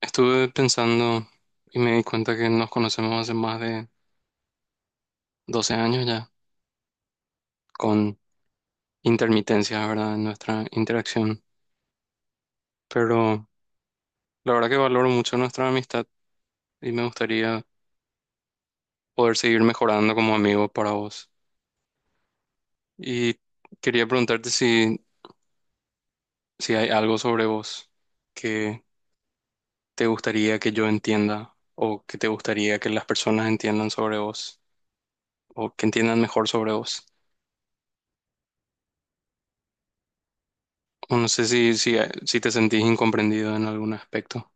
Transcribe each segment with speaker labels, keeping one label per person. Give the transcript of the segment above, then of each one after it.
Speaker 1: Estuve pensando y me di cuenta que nos conocemos hace más de 12 años ya, con intermitencias, ¿verdad?, en nuestra interacción. Pero la verdad que valoro mucho nuestra amistad y me gustaría poder seguir mejorando como amigo para vos. Y quería preguntarte si hay algo sobre vos que te gustaría que yo entienda o que te gustaría que las personas entiendan sobre vos o que entiendan mejor sobre vos. O no sé si te sentís incomprendido en algún aspecto.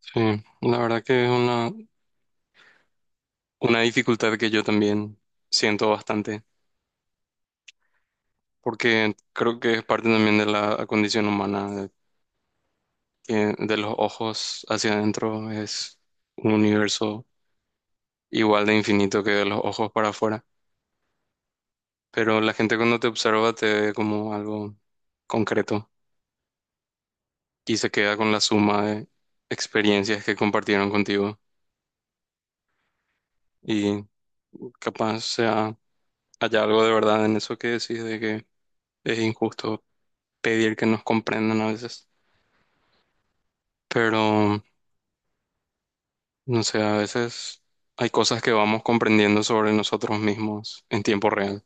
Speaker 1: Sí, la verdad que es una dificultad que yo también siento bastante, porque creo que es parte también de la condición humana, que de los ojos hacia adentro es un universo igual de infinito que de los ojos para afuera, pero la gente cuando te observa te ve como algo concreto y se queda con la suma de experiencias que compartieron contigo y capaz sea, haya algo de verdad en eso que decís de que es injusto pedir que nos comprendan a veces, pero no sé, a veces hay cosas que vamos comprendiendo sobre nosotros mismos en tiempo real.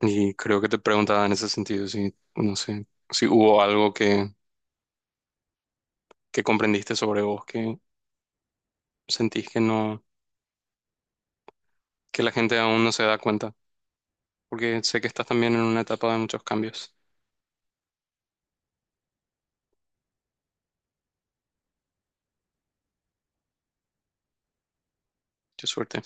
Speaker 1: Y creo que te preguntaba en ese sentido si, no sé, si hubo algo que comprendiste sobre vos que sentís que no, que la gente aún no se da cuenta, porque sé que estás también en una etapa de muchos cambios. Qué suerte.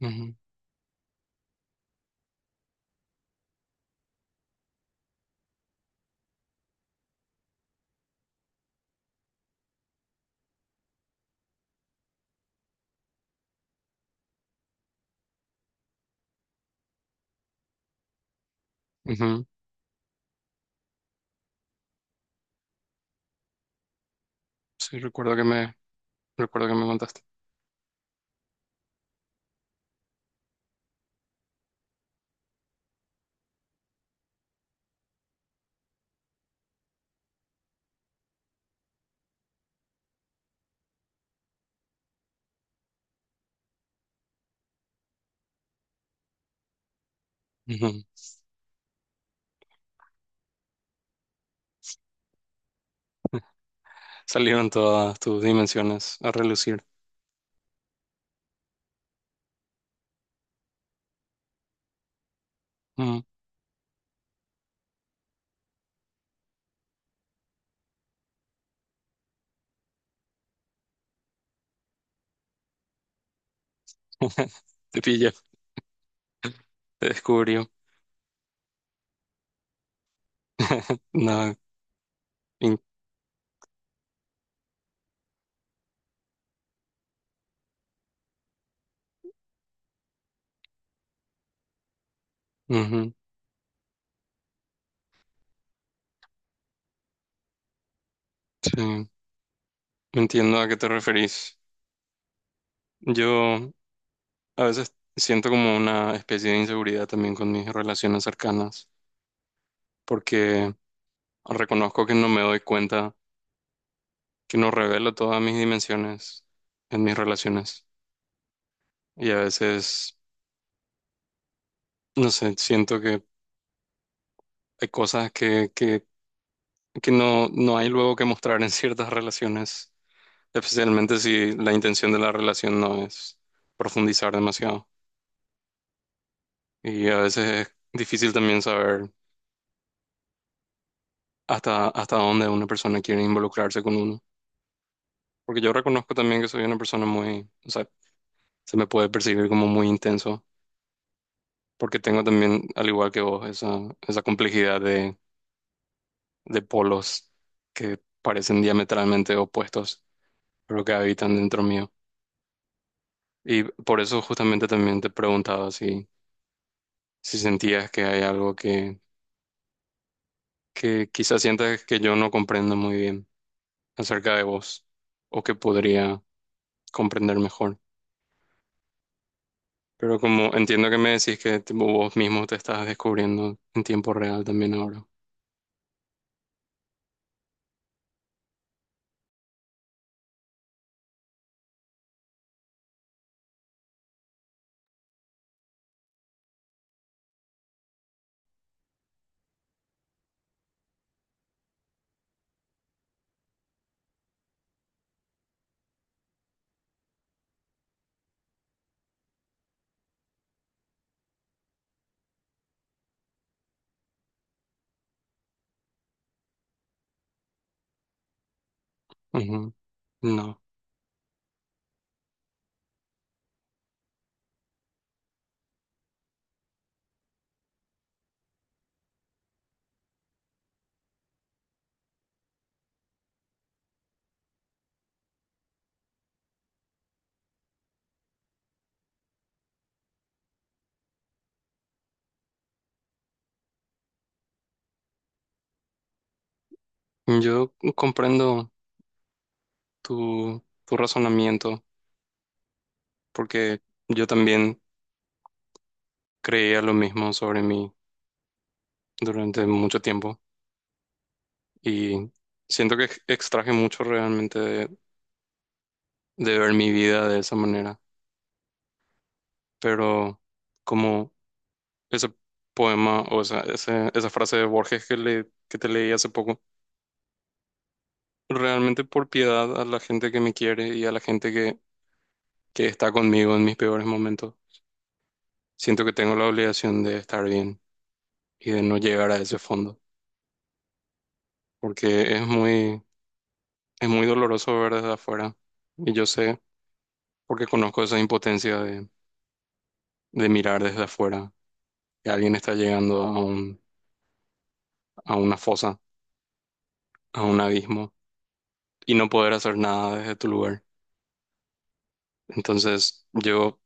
Speaker 1: Ujú, ujú. Sí, recuerdo que me contaste. Ujú. Salieron todas tus dimensiones a relucir. Ujú. Te pillé. Te descubrió. No, in- ujú, sí, entiendo a qué te referís. Yo a veces siento como una especie de inseguridad también con mis relaciones cercanas, porque reconozco que no me doy cuenta, que no revelo todas mis dimensiones en mis relaciones. Y a veces, no sé, siento que hay cosas que no, no hay luego que mostrar en ciertas relaciones, especialmente si la intención de la relación no es profundizar demasiado. Y a veces es difícil también saber hasta dónde una persona quiere involucrarse con uno. Porque yo reconozco también que soy una persona muy, o sea, se me puede percibir como muy intenso, porque tengo también, al igual que vos, esa complejidad de polos que parecen diametralmente opuestos, pero que habitan dentro mío. Y por eso justamente también te preguntaba si sentías que hay algo que quizás sientas que yo no comprendo muy bien acerca de vos, o que podría comprender mejor. Pero como entiendo que me decís que tipo, vos mismo te estás descubriendo en tiempo real también ahora. Ujú. No, yo comprendo tu razonamiento porque yo también creía lo mismo sobre mí durante mucho tiempo y siento que extraje mucho realmente de ver mi vida de esa manera. Pero como ese poema o esa frase de Borges que te leí hace poco realmente por piedad a la gente que me quiere y a la gente que está conmigo en mis peores momentos. Siento que tengo la obligación de estar bien y de no llegar a ese fondo, porque es muy doloroso ver desde afuera. Y yo sé, porque conozco esa impotencia de mirar desde afuera, que alguien está llegando a un, a una fosa, a un abismo, y no poder hacer nada desde tu lugar. Entonces, yo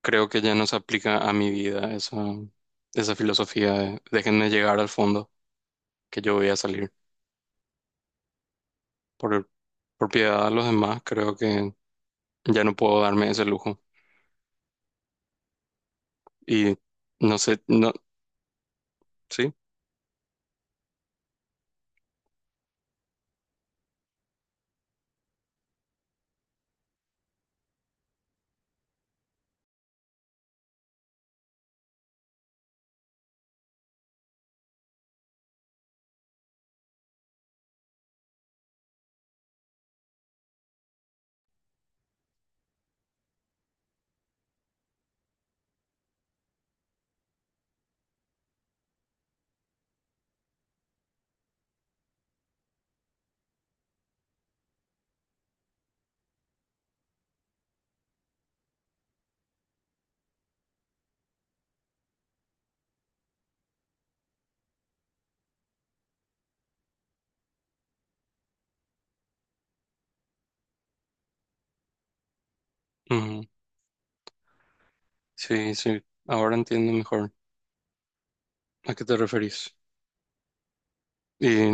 Speaker 1: creo que ya no se aplica a mi vida esa filosofía de déjenme llegar al fondo que yo voy a salir. Por, por piedad a los demás, creo que ya no puedo darme ese lujo. Y no sé. No. Sí. Ujú. Sí, sí, ahora entiendo mejor a qué te referís. Y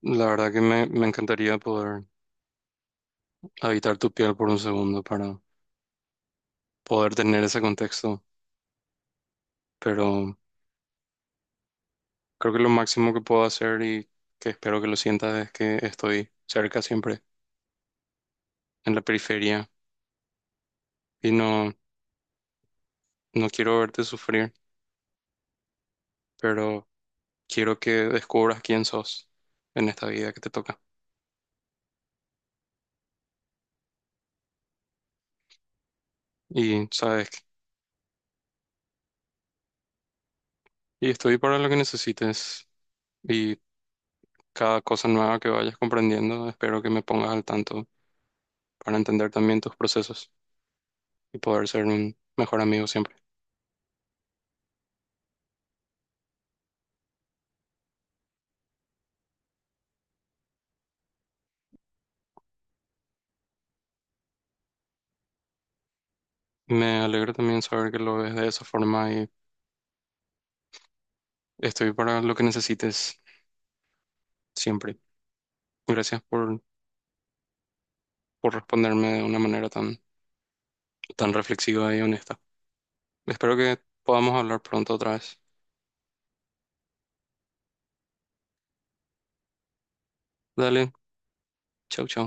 Speaker 1: la verdad que me encantaría poder habitar tu piel por un segundo para poder tener ese contexto, pero creo que lo máximo que puedo hacer y que espero que lo sientas es que estoy cerca siempre, en la periferia, y no quiero verte sufrir, pero quiero que descubras quién sos en esta vida que te toca. Y sabes, y estoy para lo que necesites. Y cada cosa nueva que vayas comprendiendo, espero que me pongas al tanto para entender también tus procesos y poder ser un mejor amigo siempre. Me alegro también saber que lo ves de esa forma y estoy para lo que necesites siempre. Gracias por responderme de una manera tan reflexiva y honesta. Espero que podamos hablar pronto otra vez. Dale, chau, chau.